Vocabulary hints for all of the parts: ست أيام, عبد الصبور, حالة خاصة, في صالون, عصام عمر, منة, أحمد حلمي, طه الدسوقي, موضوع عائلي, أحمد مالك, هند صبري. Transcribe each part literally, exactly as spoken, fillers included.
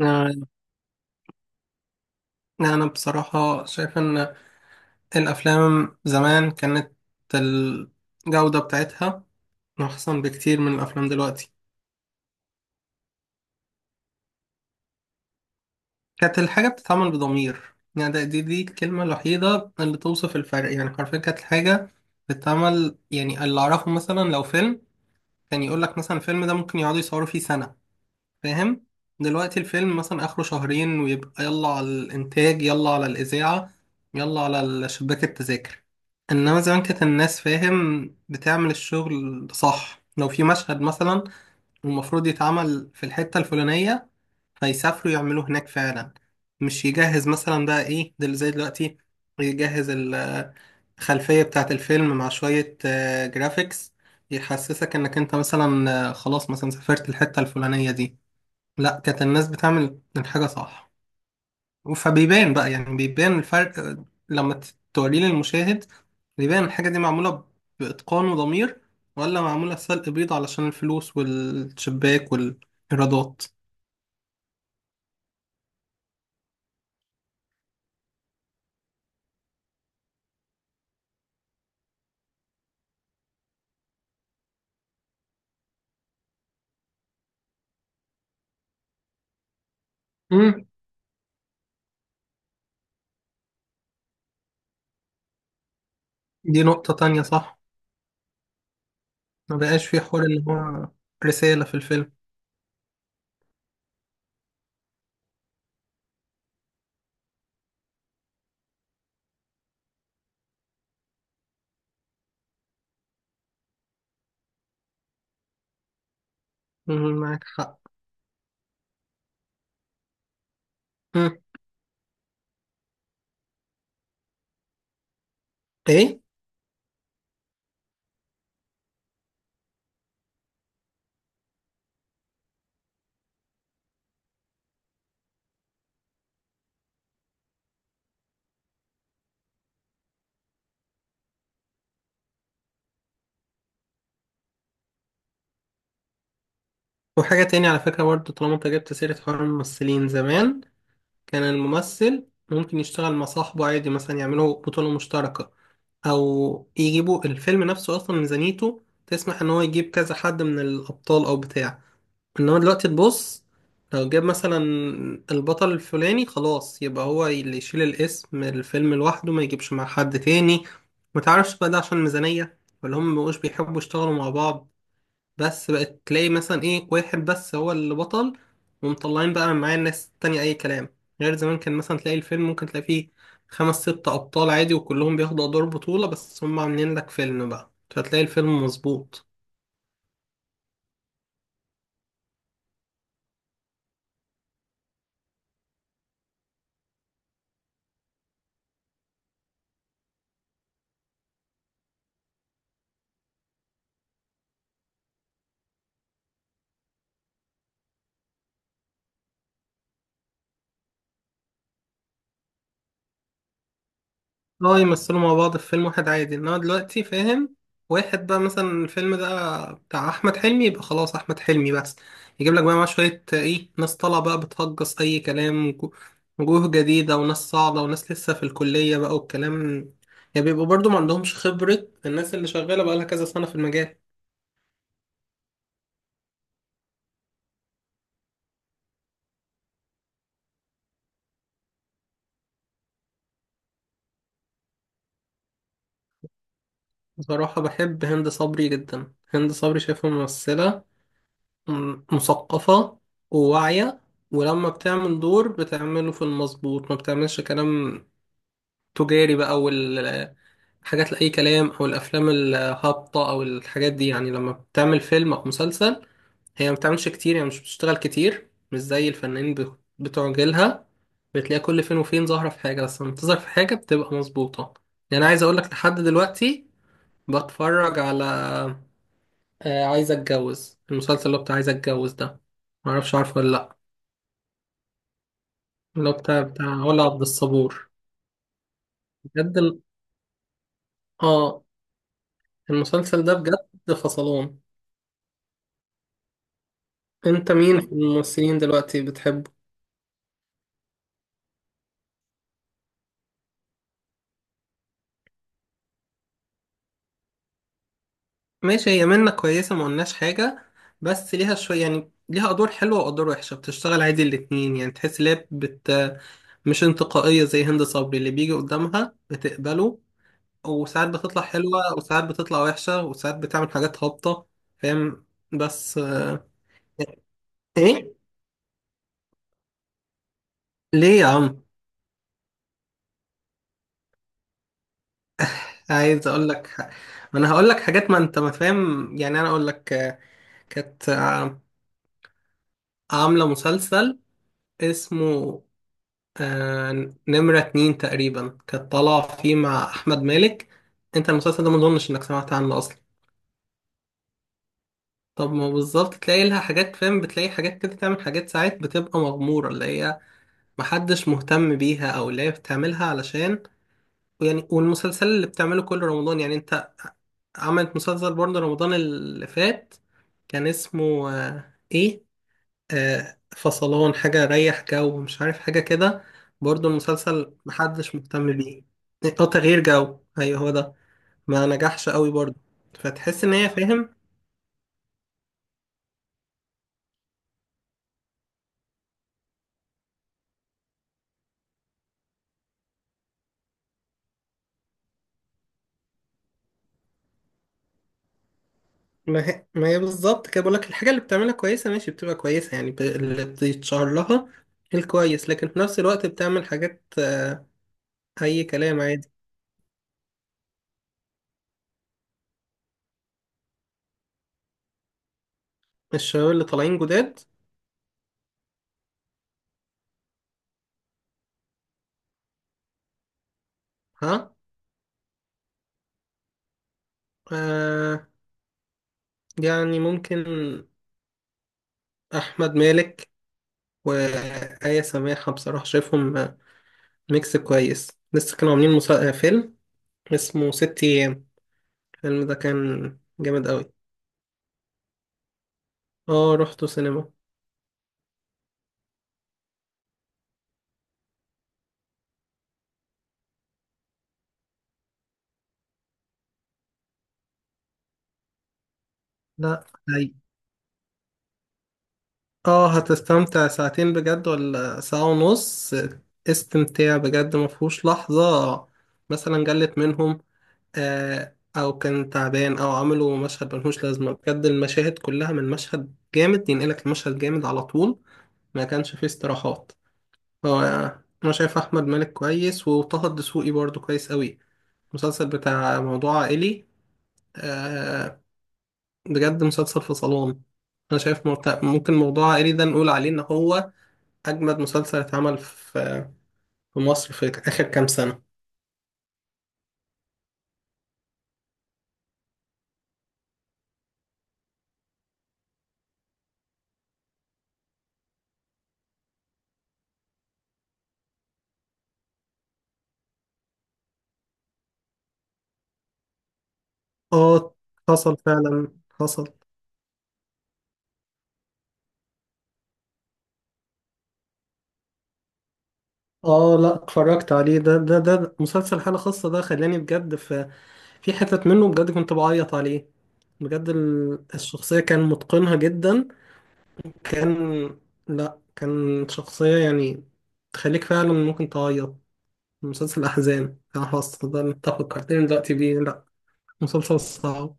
أنا أنا بصراحة شايف إن الأفلام زمان كانت الجودة بتاعتها أحسن بكتير من الأفلام دلوقتي. كانت الحاجة بتتعمل بضمير، يعني ده- دي دي الكلمة الوحيدة اللي توصف الفرق، يعني حرفيا كانت الحاجة بتتعمل. يعني اللي أعرفه مثلا لو فيلم كان يقولك مثلا الفيلم ده ممكن يقعدوا يصوروا فيه سنة، فاهم؟ دلوقتي الفيلم مثلا اخره شهرين، ويبقى يلا على الانتاج، يلا على الاذاعه، يلا على ال- شباك التذاكر. انما زمان كانت الناس، فاهم، بتعمل الشغل صح. لو في مشهد مثلا المفروض يتعمل في الحته الفلانيه، فيسافروا يعملوه هناك فعلا، مش يجهز مثلا بقى ايه دل زي دلوقتي. يجهز ال- الخلفيه بتاعه الفيلم مع شويه جرافيكس، يحسسك انك انت مثلا، آه، خلاص، مثلا سافرت الحته الفلانيه دي. لا، كانت الناس بتعمل الحاجة صح، فبيبان بقى، يعني بيبان الفرق آه، لما ت- توريه للمشاهد. بيبان الحاجة دي معمولة بإتقان وضمير، ولا معمولة سلق بيض علشان الفلوس والشباك والإيرادات. مم. دي نقطة تانية، صح. ما بقاش في حوار اللي هو رسالة في الفيلم. مم، معاك حق. مم. إيه. وحاجة تانية على فكرة برضه، طالما أنت جبت سيرة حوار الممثلين زمان، كان الممثل ممكن يشتغل مع صاحبه عادي، مثلا يعملوا بطولة مشتركة، او يجيبوا الفيلم نفسه اصلا ميزانيته تسمح ان هو يجيب كذا حد من الابطال او بتاع. انما دلوقتي تبص، لو جاب مثلا البطل الفلاني خلاص يبقى هو اللي يشيل الاسم الفيلم لوحده، ما يجيبش مع حد تاني. متعرفش بقى ده عشان ميزانية ولا هم مبقوش بيحبوا يشتغلوا مع بعض، بس بقت تلاقي مثلا، ايه، واحد بس هو اللي بطل، ومطلعين بقى معاه الناس التانية اي كلام. غير زمان، كان مثلا تلاقي الفيلم ممكن تلاقي فيه خمس ست ابطال عادي، وكلهم بياخدوا ادوار بطولة، بس هم عاملين لك فيلم بقى فتلاقي الفيلم مظبوط. اه، يمثلوا مع بعض في فيلم واحد عادي. انما دلوقتي، فاهم، واحد بقى مثلا الفيلم ده بتاع احمد حلمي، يبقى خلاص احمد حلمي بس. يجيب لك بقى معاه شويه، آه، ايه، ناس طالعه بقى بتهجص اي كلام، وجو- وجوه جديده وناس صاعده وناس لسه في الكليه بقى والكلام. يعني بيبقوا برضو ما عندهمش خبره، الناس اللي شغاله بقى لها كذا سنه في المجال. بصراحه بحب هند صبري جدا. هند صبري شايفها ممثله م- مثقفه وواعيه، ولما بتعمل دور بتعمله في المظبوط، ما بتعملش كلام التجاري بقى والحاجات لأي كلام أو الأفلام الهابطة أو الحاجات دي. يعني لما بتعمل فيلم أو مسلسل، هي ما بتعملش كتير، يعني مش بتشتغل كتير مش زي الفنانين ب- بتوع جيلها. بتلاقيها كل فين وفين ظاهرة في حاجة، بس لما بتظهر في حاجة بتبقى مظبوطة. يعني أنا عايز أقولك لحد دلوقتي بتفرج على، آه، عايز أتجوز، المسلسل اللي هو بتاع عايز أتجوز ده. معرفش عارفه ولا لأ؟ اللي هو بتاع بتاع ولا عبد الصبور. بجد ال- اه، المسلسل ده بجد فصلان. انت مين في الممثلين دلوقتي بتحبه؟ ماشي، هي منة كويسة، ما قلناش حاجة، بس ليها شوية، يعني ليها أدوار حلوة وأدوار وحشة، بتشتغل عادي الاتنين، يعني تحس إن هي بت... مش انتقائية زي هند صبري. اللي بيجي قدامها بتقبله، وساعات بتطلع حلوة وساعات بتطلع وحشة وساعات بتعمل حاجات هابطة، فاهم؟ بس. إيه. ليه يا عم؟ عايز أقول لك، ح- ما أنا هقول لك حاجات ما أنت ما فاهم. يعني أنا أقول لك، آه، كانت آه، عاملة مسلسل اسمه آه نمرة اتنين، تقريبا، كانت طالعة فيه مع أحمد مالك. أنت المسلسل ده مظنش إنك سمعت عنه أصلا. طب ما بالظبط تلاقي لها حاجات، فاهم، بتلاقي حاجات كده، تعمل حاجات ساعات بتبقى مغمورة، اللي هي محدش مهتم بيها، أو اللي هي بتعملها علشان، يعني. والمسلسل اللي بتعمله كل رمضان، يعني أنت عملت مسلسل برضه رمضان اللي فات، كان اسمه آه، إيه؟ آه، فصلان حاجة ريح جو، مش عارف، حاجة كده. برضو المسلسل محدش مهتم بيه. اه، تغيير جو، ايوه هو ده. ما نجحش قوي برضو. فتحس ان هي، فاهم، ما هي, ما هي بالظبط كده بقولك الحاجة اللي بتعملها كويسة، ماشي، بتبقى كويسة، يعني ب... اللي بيتشهر لها الكويس، لكن في نفس الوقت بتعمل حاجات آه، اي كلام عادي. الشباب اللي طالعين جداد؟ ها. آه يعني ممكن احمد مالك وآية سماحة، بصراحة شايفهم آه، ميكس كويس. لسه كانوا عاملين مسا... آه، فيلم اسمه ست أيام، الفيلم ده كان جامد أوي. اه، رحته سينما. لا. هي. اه، هتستمتع ساعتين بجد ولا ساعة ونص استمتاع، بجد مفهوش لحظة مثلا جلت منهم آه أو كان تعبان أو عملوا مشهد ملهوش لازمة. بجد المشاهد كلها من مشهد جامد ينقلك المشهد جامد على طول، ما كانش فيه استراحات. هو، أنا شايف أحمد مالك كويس، وطه الدسوقي برضه كويس أوي. مسلسل بتاع موضوع عائلي، آه بجد مسلسل في صالون. انا شايف مرت- ممكن موضوع عائلي ده نقول عليه ان هو اجمد مسلسل اتعمل في في مصر في اخر كام سنة. اه، حصل فعلا، حصل. اه، لا، اتفرجت عليه. ده ده ده مسلسل حالة خاصة. ده خلاني بجد في في حتت منه بجد كنت بعيط عليه. بجد ال- الشخصية كان متقنها جدا. كان، لا كان شخصية، يعني، تخليك فعلا ممكن تعيط. مسلسل الأحزان، أنا خلاص نقدر نتفق، فكرتني دلوقتي بيه، لأ مسلسل صعب.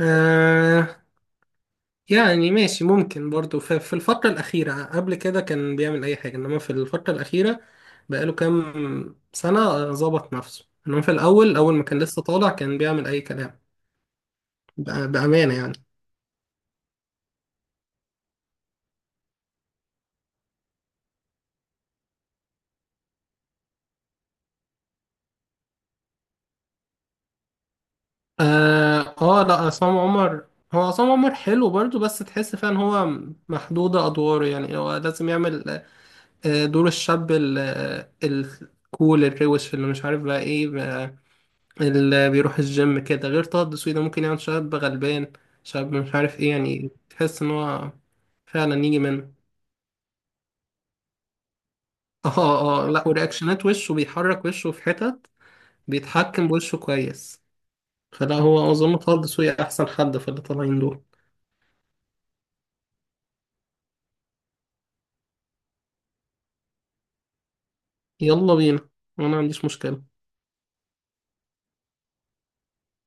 آه يعني ماشي، ممكن برضو في, في الفترة الأخيرة قبل كده كان بيعمل أي حاجة، إنما في الفترة الأخيرة بقاله كام سنة آه، ظبط نفسه. إنما في الأول، أول ما كان لسه طالع كان بيعمل أي كلام. بأ- بأمانة، يعني. آه, آه لأ عصام عمر، هو عصام عمر حلو برضو، بس تحس فعلا هو محدودة أدواره، يعني هو لازم يعمل آه، دور الشاب ال- ال- الكول الروش اللي مش عارف بقى ايه بقى، اللي بيروح الجيم كده. غير طه الدسوقي ده ممكن يعمل شاب غلبان، شاب مش عارف ايه، يعني تحس ان هو فعلا يجي منه. اه، اه، آه، لا، ورياكشنات وشه، بيحرك وشه في حتت، بيتحكم بوشه كويس. فلا، هو اظن طه الدسوقي احسن حد في اللي طالعين دول. يلا بينا، وانا ما عنديش مشكلة.